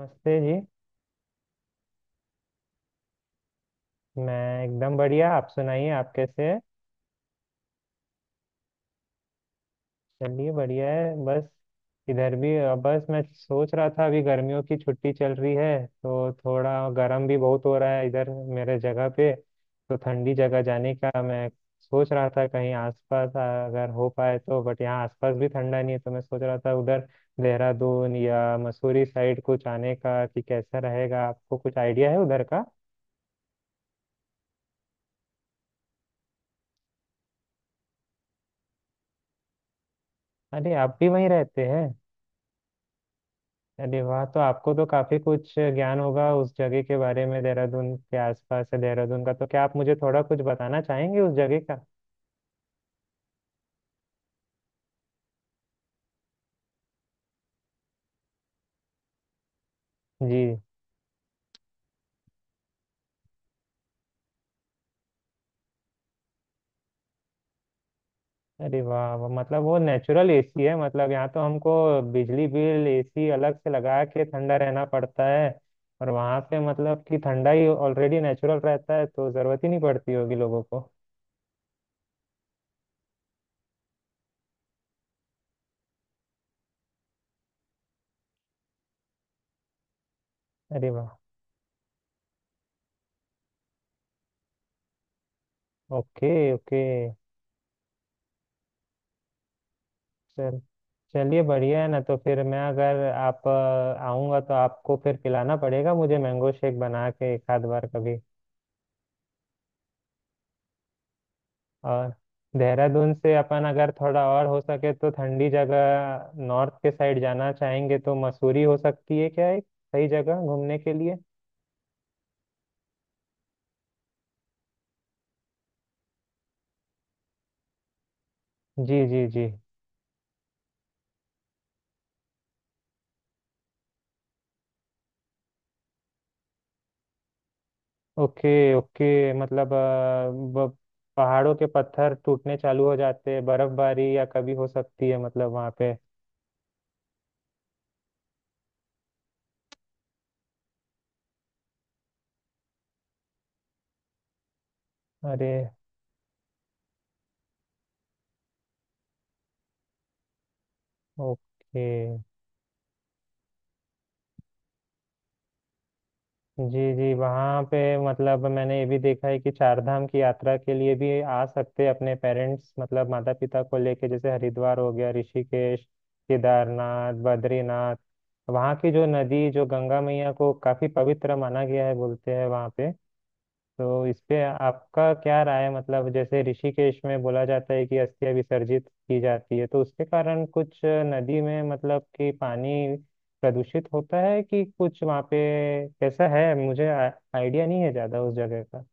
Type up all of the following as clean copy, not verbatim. नमस्ते जी। मैं एकदम बढ़िया। आप सुनाइए, आप कैसे हैं? चलिए बढ़िया है। बस इधर भी बस मैं सोच रहा था अभी गर्मियों की छुट्टी चल रही है तो थोड़ा गर्म भी बहुत हो रहा है इधर मेरे जगह पे। तो ठंडी जगह जाने का मैं सोच रहा था कहीं आसपास, अगर हो पाए तो। बट यहाँ आसपास भी ठंडा नहीं है, तो मैं सोच रहा था उधर देहरादून या मसूरी साइड कुछ आने का, कि कैसा रहेगा? आपको कुछ आइडिया है उधर का? अरे, आप भी वहीं रहते हैं? अरे वाह, तो आपको तो काफी कुछ ज्ञान होगा उस जगह के बारे में। देहरादून के आसपास है देहरादून का, तो क्या आप मुझे थोड़ा कुछ बताना चाहेंगे उस जगह का? जी। अरे वाह, मतलब वो नेचुरल एसी है। मतलब यहाँ तो हमको बिजली बिल एसी अलग से लगा के ठंडा रहना पड़ता है, और वहाँ पे मतलब कि ठंडा ही ऑलरेडी नेचुरल रहता है तो जरूरत ही नहीं पड़ती होगी लोगों को। अरे वाह। Okay okay. चल, चलिए बढ़िया है ना। तो फिर मैं, अगर आऊँगा तो आपको फिर पिलाना पड़ेगा मुझे मैंगो शेक बना के एक आध बार कभी। और देहरादून से अपन अगर थोड़ा और हो सके तो ठंडी जगह नॉर्थ के साइड जाना चाहेंगे तो मसूरी हो सकती है क्या एक सही जगह घूमने के लिए? जी जी जी। ओके ओके, मतलब पहाड़ों के पत्थर टूटने चालू हो जाते हैं। बर्फबारी या कभी हो सकती है मतलब वहाँ पे? अरे। ओके। जी जी। वहाँ पे मतलब मैंने ये भी देखा है कि चार धाम की यात्रा के लिए भी आ सकते हैं अपने पेरेंट्स, मतलब माता पिता को लेके, जैसे हरिद्वार हो गया, ऋषिकेश, केदारनाथ, बद्रीनाथ। वहाँ की जो नदी, जो गंगा मैया को काफी पवित्र माना गया है, बोलते हैं वहाँ पे। तो इस पे आपका क्या राय है, मतलब जैसे ऋषिकेश में बोला जाता है कि अस्थियां विसर्जित की जाती है तो उसके कारण कुछ नदी में मतलब कि पानी प्रदूषित होता है कि कुछ वहाँ पे कैसा है? आइडिया नहीं है ज़्यादा उस जगह का।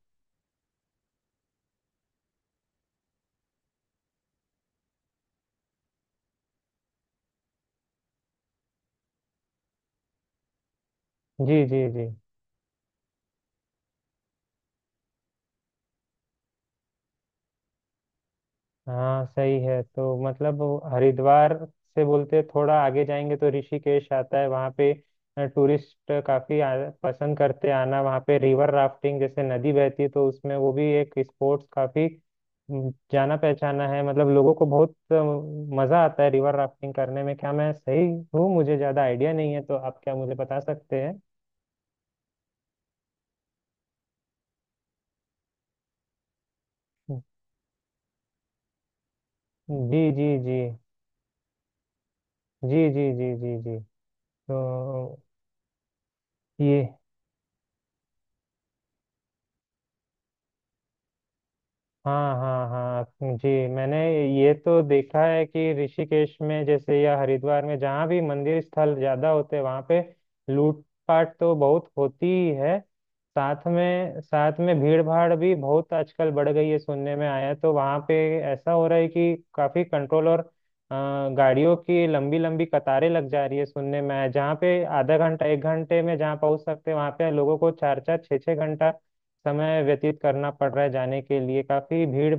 जी जी जी। हाँ सही है। तो मतलब वो हरिद्वार से बोलते थोड़ा आगे जाएंगे तो ऋषिकेश आता है, वहाँ पे टूरिस्ट काफी पसंद करते हैं आना। वहाँ पे रिवर राफ्टिंग, जैसे नदी बहती है तो उसमें वो भी एक स्पोर्ट्स काफी जाना पहचाना है, मतलब लोगों को बहुत मजा आता है रिवर राफ्टिंग करने में। क्या मैं सही हूँ? मुझे ज्यादा आइडिया नहीं है, तो आप क्या मुझे बता सकते हैं? जी जी जी जी जी जी जी जी। तो ये। हाँ हाँ हाँ। जी। मैंने ये तो देखा है कि ऋषिकेश में जैसे या हरिद्वार में जहाँ भी मंदिर स्थल ज्यादा होते हैं वहाँ पे लूटपाट तो बहुत होती ही है। साथ में भीड़ भाड़ भी बहुत आजकल बढ़ गई है सुनने में आया है। तो वहाँ पे ऐसा हो रहा है कि काफी कंट्रोल और अ, गाड़ियों की लंबी लंबी कतारें लग जा रही है, सुनने में आया जहाँ पे आधा घंटा 1 घंटे में जहाँ पहुंच सकते हैं वहाँ पे लोगों को 4-4 6-6 घंटा समय व्यतीत करना पड़ रहा है जाने के लिए। काफी भीड़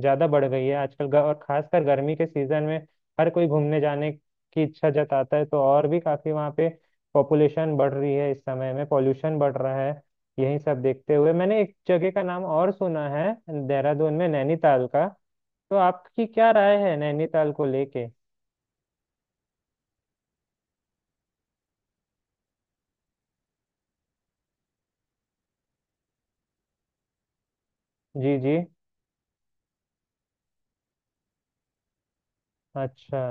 ज्यादा बढ़ गई है आजकल, और खासकर गर्मी के सीजन में हर कोई घूमने जाने की इच्छा जताता है तो और भी काफी वहाँ पे पॉपुलेशन बढ़ रही है। इस समय में पॉल्यूशन बढ़ रहा है। यही सब देखते हुए मैंने एक जगह का नाम और सुना है, देहरादून में नैनीताल का। तो आपकी क्या राय है नैनीताल को लेके? जी जी। अच्छा।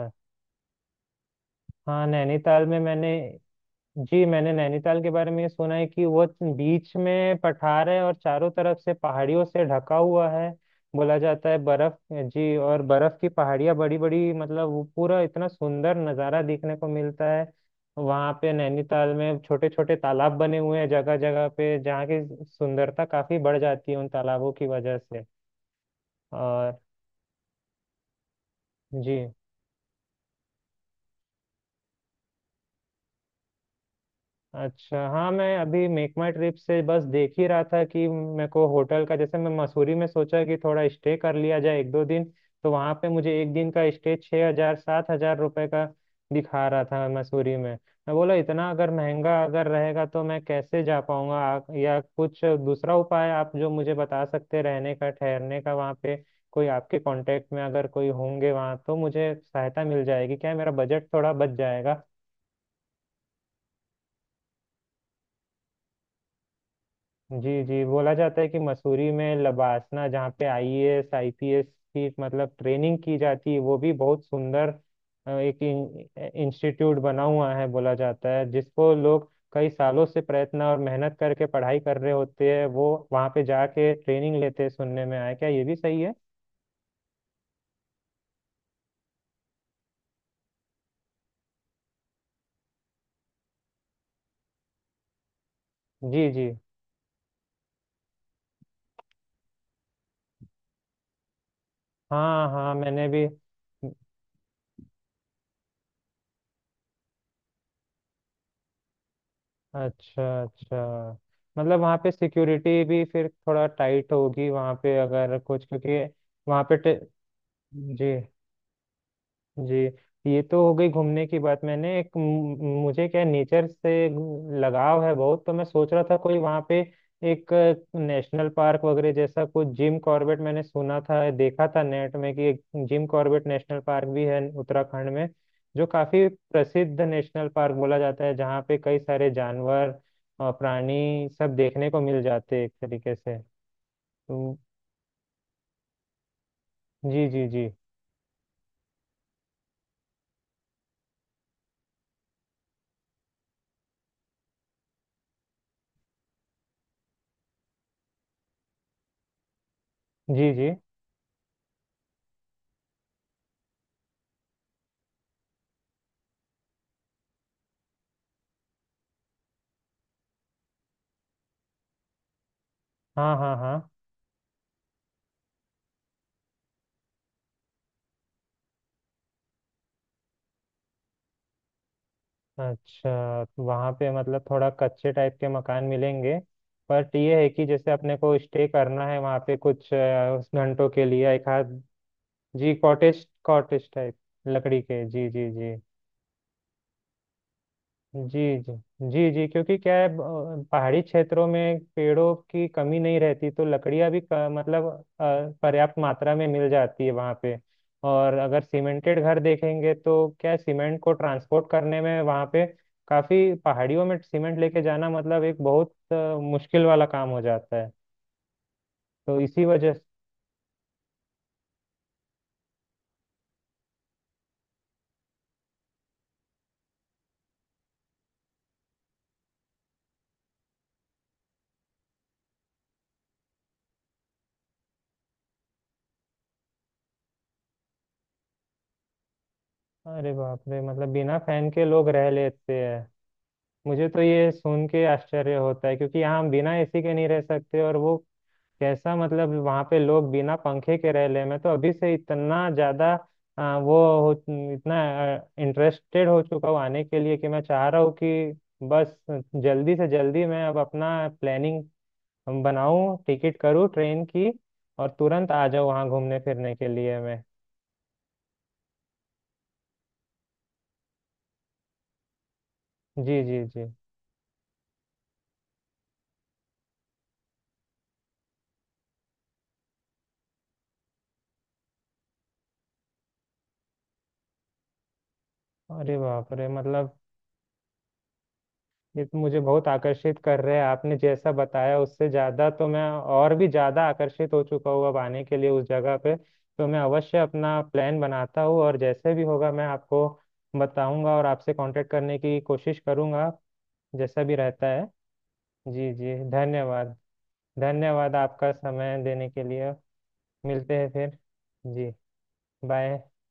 हाँ नैनीताल में मैंने। जी मैंने नैनीताल के बारे में ये सुना है कि वो बीच में पठार है और चारों तरफ से पहाड़ियों से ढका हुआ है। बोला जाता है बर्फ जी और बर्फ की पहाड़ियाँ बड़ी बड़ी, मतलब वो पूरा इतना सुंदर नज़ारा देखने को मिलता है वहाँ पे। नैनीताल में छोटे छोटे तालाब बने हुए हैं जगह जगह पे, जहाँ की सुंदरता काफी बढ़ जाती है उन तालाबों की वजह से। और जी। अच्छा, हाँ मैं अभी मेक माई ट्रिप से बस देख ही रहा था कि मेरे को होटल का, जैसे मैं मसूरी में सोचा कि थोड़ा स्टे कर लिया जाए 1-2 दिन, तो वहाँ पे मुझे 1 दिन का स्टे 6,000-7,000 रुपये का दिखा रहा था मसूरी में। मैं बोला इतना अगर महंगा अगर रहेगा तो मैं कैसे जा पाऊँगा? या कुछ दूसरा उपाय आप जो मुझे बता सकते हैं रहने का, ठहरने का वहाँ पे? कोई आपके कांटेक्ट में अगर कोई होंगे वहाँ, तो मुझे सहायता मिल जाएगी क्या? मेरा बजट थोड़ा बच जाएगा। जी जी। बोला जाता है कि मसूरी में लबासना जहाँ पे आईएएस आईपीएस की मतलब ट्रेनिंग की जाती है, वो भी बहुत सुंदर एक इंस्टीट्यूट बना हुआ है, बोला जाता है जिसको लोग कई सालों से प्रयत्न और मेहनत करके पढ़ाई कर रहे होते हैं वो वहाँ पे जाके ट्रेनिंग लेते हैं, सुनने में आया। क्या ये भी सही है? जी जी। हाँ हाँ मैंने भी। अच्छा अच्छा। मतलब वहाँ पे सिक्योरिटी भी फिर थोड़ा टाइट होगी वहाँ पे अगर कुछ, क्योंकि वहाँ पे। जी जी। ये तो हो गई घूमने की बात। मैंने एक मुझे क्या नेचर से लगाव है बहुत, तो मैं सोच रहा था कोई वहाँ पे एक नेशनल पार्क वगैरह जैसा कुछ, जिम कॉर्बेट मैंने सुना था, देखा था नेट में कि एक जिम कॉर्बेट नेशनल पार्क भी है उत्तराखंड में जो काफी प्रसिद्ध नेशनल पार्क बोला जाता है जहाँ पे कई सारे जानवर और प्राणी सब देखने को मिल जाते हैं एक तरीके से। तो जी जी जी जी जी। हाँ हाँ हाँ। अच्छा, तो वहाँ पे मतलब थोड़ा कच्चे टाइप के मकान मिलेंगे। बट ये है कि जैसे अपने को स्टे करना है वहाँ पे कुछ घंटों के लिए एक आध। जी कॉटेज कॉटेज टाइप। लकड़ी के जी जी जी जी जी जी जी, क्योंकि क्या है पहाड़ी क्षेत्रों में पेड़ों की कमी नहीं रहती तो लकड़ियाँ भी मतलब अ, पर्याप्त मात्रा में मिल जाती है वहाँ पे। और अगर सीमेंटेड घर देखेंगे तो क्या है, सीमेंट को ट्रांसपोर्ट करने में वहाँ पे काफी पहाड़ियों में सीमेंट लेके जाना मतलब एक बहुत मुश्किल वाला काम हो जाता है, तो इसी वजह से। अरे बाप रे, मतलब बिना फैन के लोग रह लेते हैं? मुझे तो ये सुन के आश्चर्य होता है, क्योंकि यहाँ हम बिना एसी के नहीं रह सकते, और वो कैसा मतलब वहां पे लोग बिना पंखे के रह ले। मैं तो अभी से इतना ज्यादा आ, वो हो इतना इंटरेस्टेड हो चुका हूँ आने के लिए कि मैं चाह रहा हूँ कि बस जल्दी से जल्दी मैं अब अपना प्लानिंग बनाऊं, टिकट करूँ ट्रेन की, और तुरंत आ जाऊँ वहाँ घूमने फिरने के लिए मैं। जी जी जी। अरे बाप रे, मतलब ये तो मुझे बहुत आकर्षित कर रहे हैं। आपने जैसा बताया उससे ज़्यादा तो मैं और भी ज़्यादा आकर्षित हो चुका हूँ अब आने के लिए उस जगह पे। तो मैं अवश्य अपना प्लान बनाता हूँ और जैसे भी होगा मैं आपको बताऊंगा और आपसे कांटेक्ट करने की कोशिश करूंगा जैसा भी रहता है। जी जी। धन्यवाद। धन्यवाद आपका समय देने के लिए। मिलते हैं फिर। जी। बाय।